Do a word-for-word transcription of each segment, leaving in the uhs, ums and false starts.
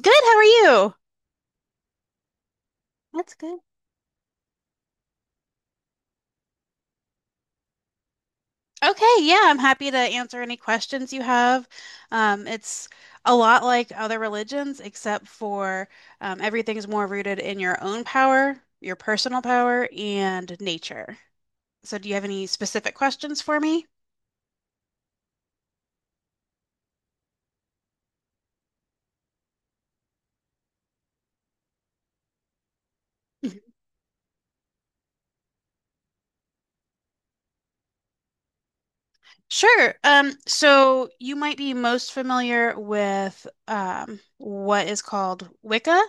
Good, how are you? That's good. Okay, yeah, I'm happy to answer any questions you have. Um, it's a lot like other religions, except for um, everything's more rooted in your own power, your personal power, and nature. So, do you have any specific questions for me? Sure. Um, so you might be most familiar with um, what is called Wicca,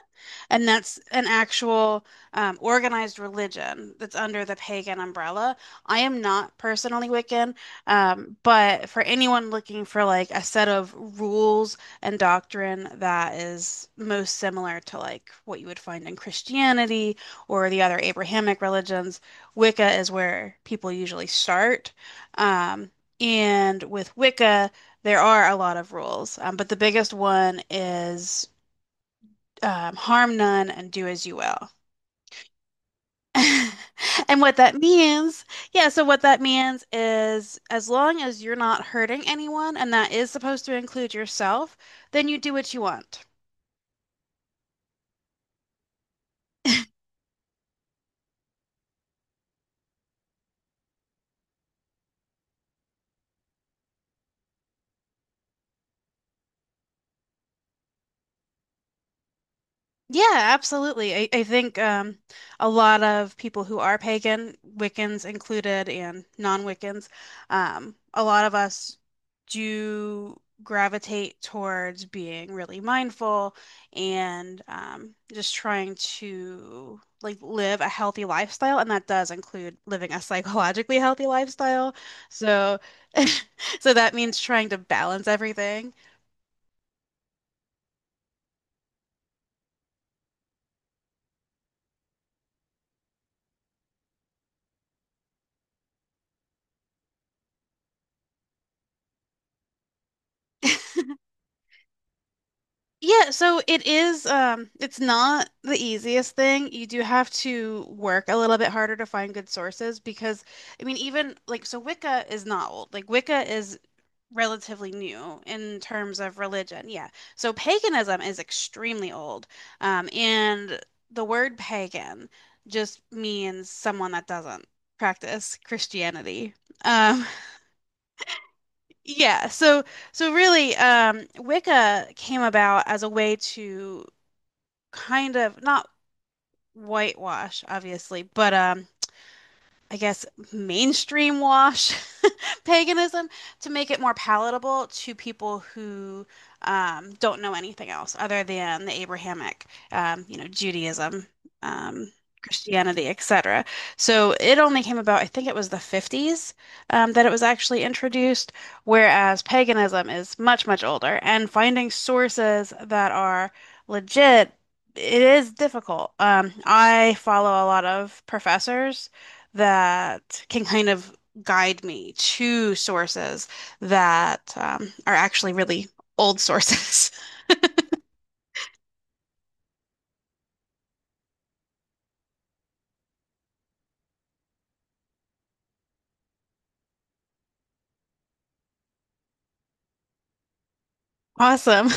and that's an actual um, organized religion that's under the pagan umbrella. I am not personally Wiccan, um, but for anyone looking for like a set of rules and doctrine that is most similar to like what you would find in Christianity or the other Abrahamic religions, Wicca is where people usually start. Um, and with Wicca, there are a lot of rules, um, but the biggest one is um, harm none and do as you will. And what that means, yeah, so what that means is as long as you're not hurting anyone, and that is supposed to include yourself, then you do what you want. Yeah, absolutely. I, I think um, a lot of people who are pagan, Wiccans included, and non-Wiccans, um, a lot of us do gravitate towards being really mindful and um, just trying to like live a healthy lifestyle, and that does include living a psychologically healthy lifestyle. So, so that means trying to balance everything. Yeah, so it is um it's not the easiest thing. You do have to work a little bit harder to find good sources because I mean even like so Wicca is not old. Like Wicca is relatively new in terms of religion. Yeah. So paganism is extremely old. Um and the word pagan just means someone that doesn't practice Christianity. Um yeah, so so really, um, Wicca came about as a way to kind of not whitewash, obviously, but um I guess, mainstream wash paganism to make it more palatable to people who um, don't know anything else other than the Abrahamic, um, you know, Judaism, um, Christianity, et cetera. So it only came about, I think it was the fifties um, that it was actually introduced, whereas paganism is much, much older. And finding sources that are legit, it is difficult. Um, I follow a lot of professors that can kind of guide me to sources that um, are actually really old sources. Awesome.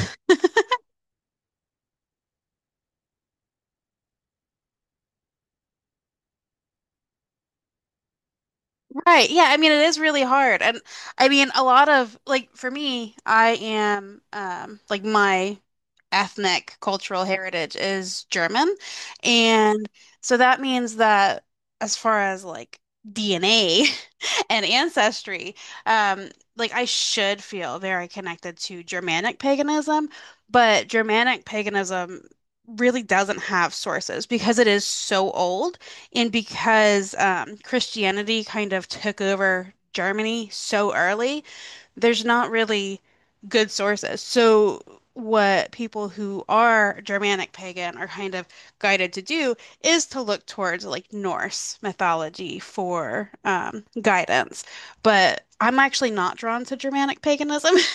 Right. Yeah. I mean, it is really hard. And I mean, a lot of like for me, I am um like my ethnic cultural heritage is German. And so that means that as far as like D N A and ancestry, um like I should feel very connected to Germanic paganism, but Germanic paganism really doesn't have sources because it is so old. And because um, Christianity kind of took over Germany so early, there's not really good sources. So, what people who are Germanic pagan are kind of guided to do is to look towards like Norse mythology for um, guidance. But I'm actually not drawn to Germanic paganism.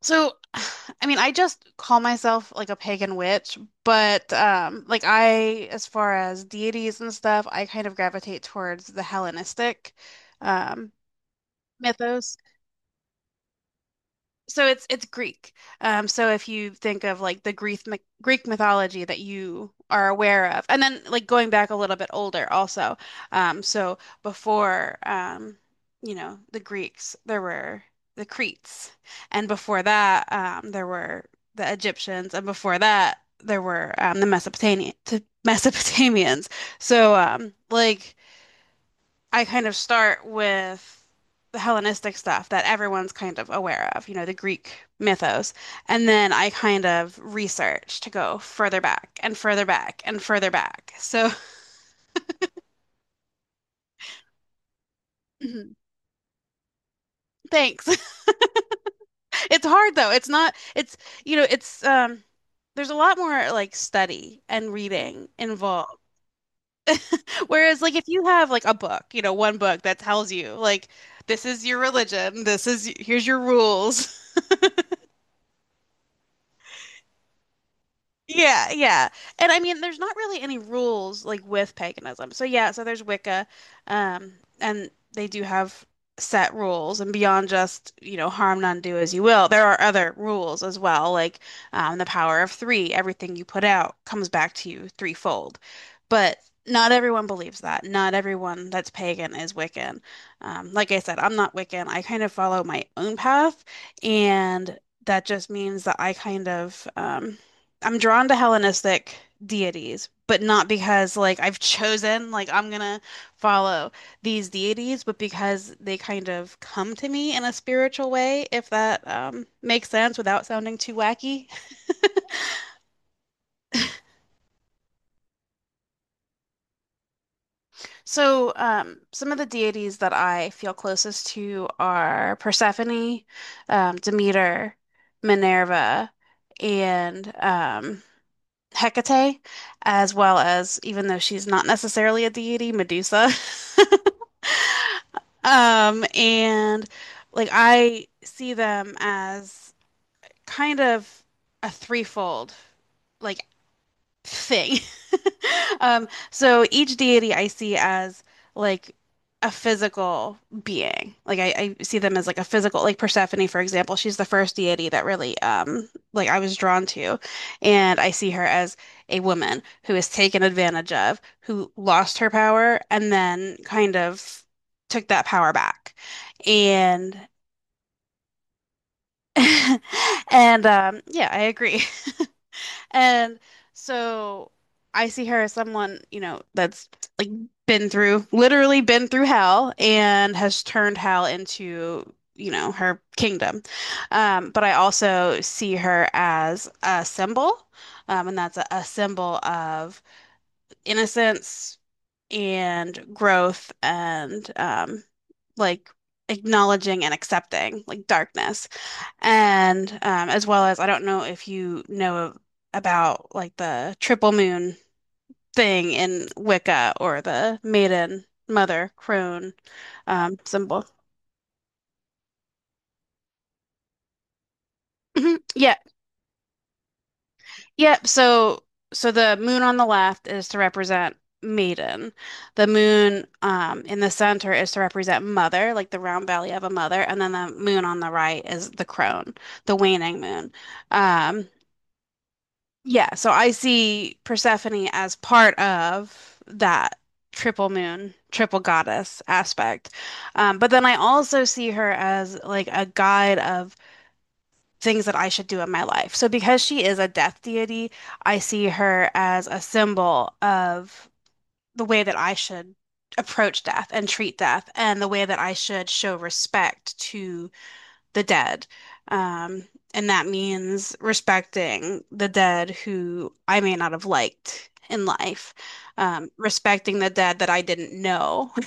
So, I mean, I just call myself like a pagan witch, but um like I as far as deities and stuff, I kind of gravitate towards the Hellenistic um mythos, so it's it's Greek. Um, so if you think of like the Greek myth Greek mythology that you are aware of, and then like going back a little bit older also. Um, so before um, you know, the Greeks, there were the Cretes, and before that, um, there were the Egyptians, and before that, there were um, the Mesopotamian Mesopotamians. So, um, like, I kind of start with the Hellenistic stuff that everyone's kind of aware of, you know, the Greek mythos. And then I kind of research to go further back and further back and further back. So thanks. It's hard though. It's not, it's, you know, it's, um, there's a lot more like study and reading involved. Whereas like if you have like a book, you know, one book that tells you like this is your religion, this is here's your rules. Yeah, yeah. And I mean, there's not really any rules like with paganism. So yeah, so there's Wicca, um, and they do have set rules and beyond just, you know, harm none, do as you will. There are other rules as well, like um, the power of three, everything you put out comes back to you threefold. But not everyone believes that. Not everyone that's pagan is Wiccan. Um, like I said, I'm not Wiccan. I kind of follow my own path, and that just means that I kind of um I'm drawn to Hellenistic deities, but not because like I've chosen like I'm gonna follow these deities, but because they kind of come to me in a spiritual way, if that um, makes sense without sounding too wacky. So, um, some of the deities that I feel closest to are Persephone, um, Demeter, Minerva, and um, Hecate, as well as, even though she's not necessarily a deity, Medusa. Um, and like I see them as kind of a threefold, like, thing. Um, so each deity I see as like a physical being. Like I, I see them as like a physical, like Persephone, for example, she's the first deity that really um like I was drawn to. And I see her as a woman who is taken advantage of, who lost her power and then kind of took that power back. And and um yeah, I agree. And so I see her as someone, you know, that's like been through, literally been through hell and has turned hell into, you know, her kingdom. Um, but I also see her as a symbol, um, and that's a, a symbol of innocence and growth and um, like acknowledging and accepting like darkness. And um, as well as, I don't know if you know about like the triple moon thing in Wicca or the maiden, mother, crone um, symbol. Mhm. Yeah, yeah. So, so the moon on the left is to represent maiden. The moon um, in the center is to represent mother, like the round belly of a mother, and then the moon on the right is the crone, the waning moon. Um, Yeah, so I see Persephone as part of that triple moon, triple goddess aspect. Um, but then I also see her as like a guide of things that I should do in my life. So because she is a death deity, I see her as a symbol of the way that I should approach death and treat death and the way that I should show respect to the dead. Um, and that means respecting the dead who I may not have liked in life, um, respecting the dead that I didn't know.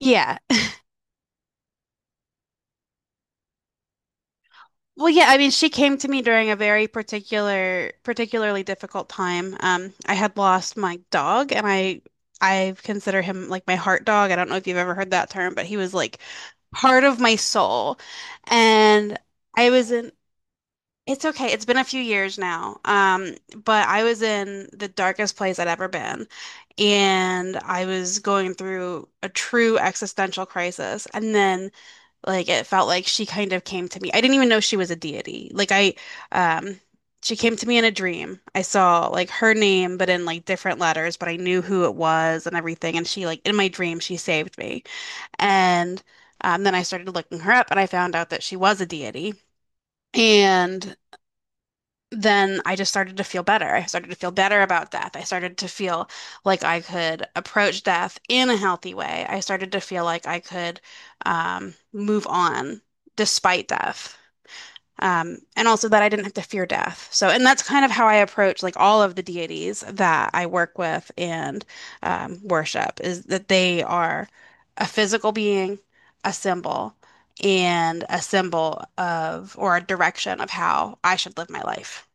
Yeah. Well, yeah, I mean, she came to me during a very particular, particularly difficult time. Um, I had lost my dog, and I, I consider him like my heart dog. I don't know if you've ever heard that term, but he was like part of my soul, and I was in It's okay. It's been a few years now. Um, but I was in the darkest place I'd ever been. And I was going through a true existential crisis. And then, like, it felt like she kind of came to me. I didn't even know she was a deity. Like, I, um, she came to me in a dream. I saw, like, her name, but in, like, different letters, but I knew who it was and everything. And she, like, in my dream, she saved me. And um, then I started looking her up and I found out that she was a deity. And then I just started to feel better. I started to feel better about death. I started to feel like I could approach death in a healthy way. I started to feel like I could um, move on despite death. Um, and also that I didn't have to fear death. So, and that's kind of how I approach like all of the deities that I work with and um, worship is that they are a physical being, a symbol, and a symbol of or a direction of how I should live my life.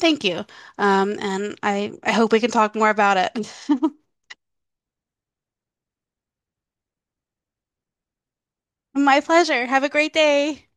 Thank you. Um, and I, I hope we can talk more about it. My pleasure. Have a great day.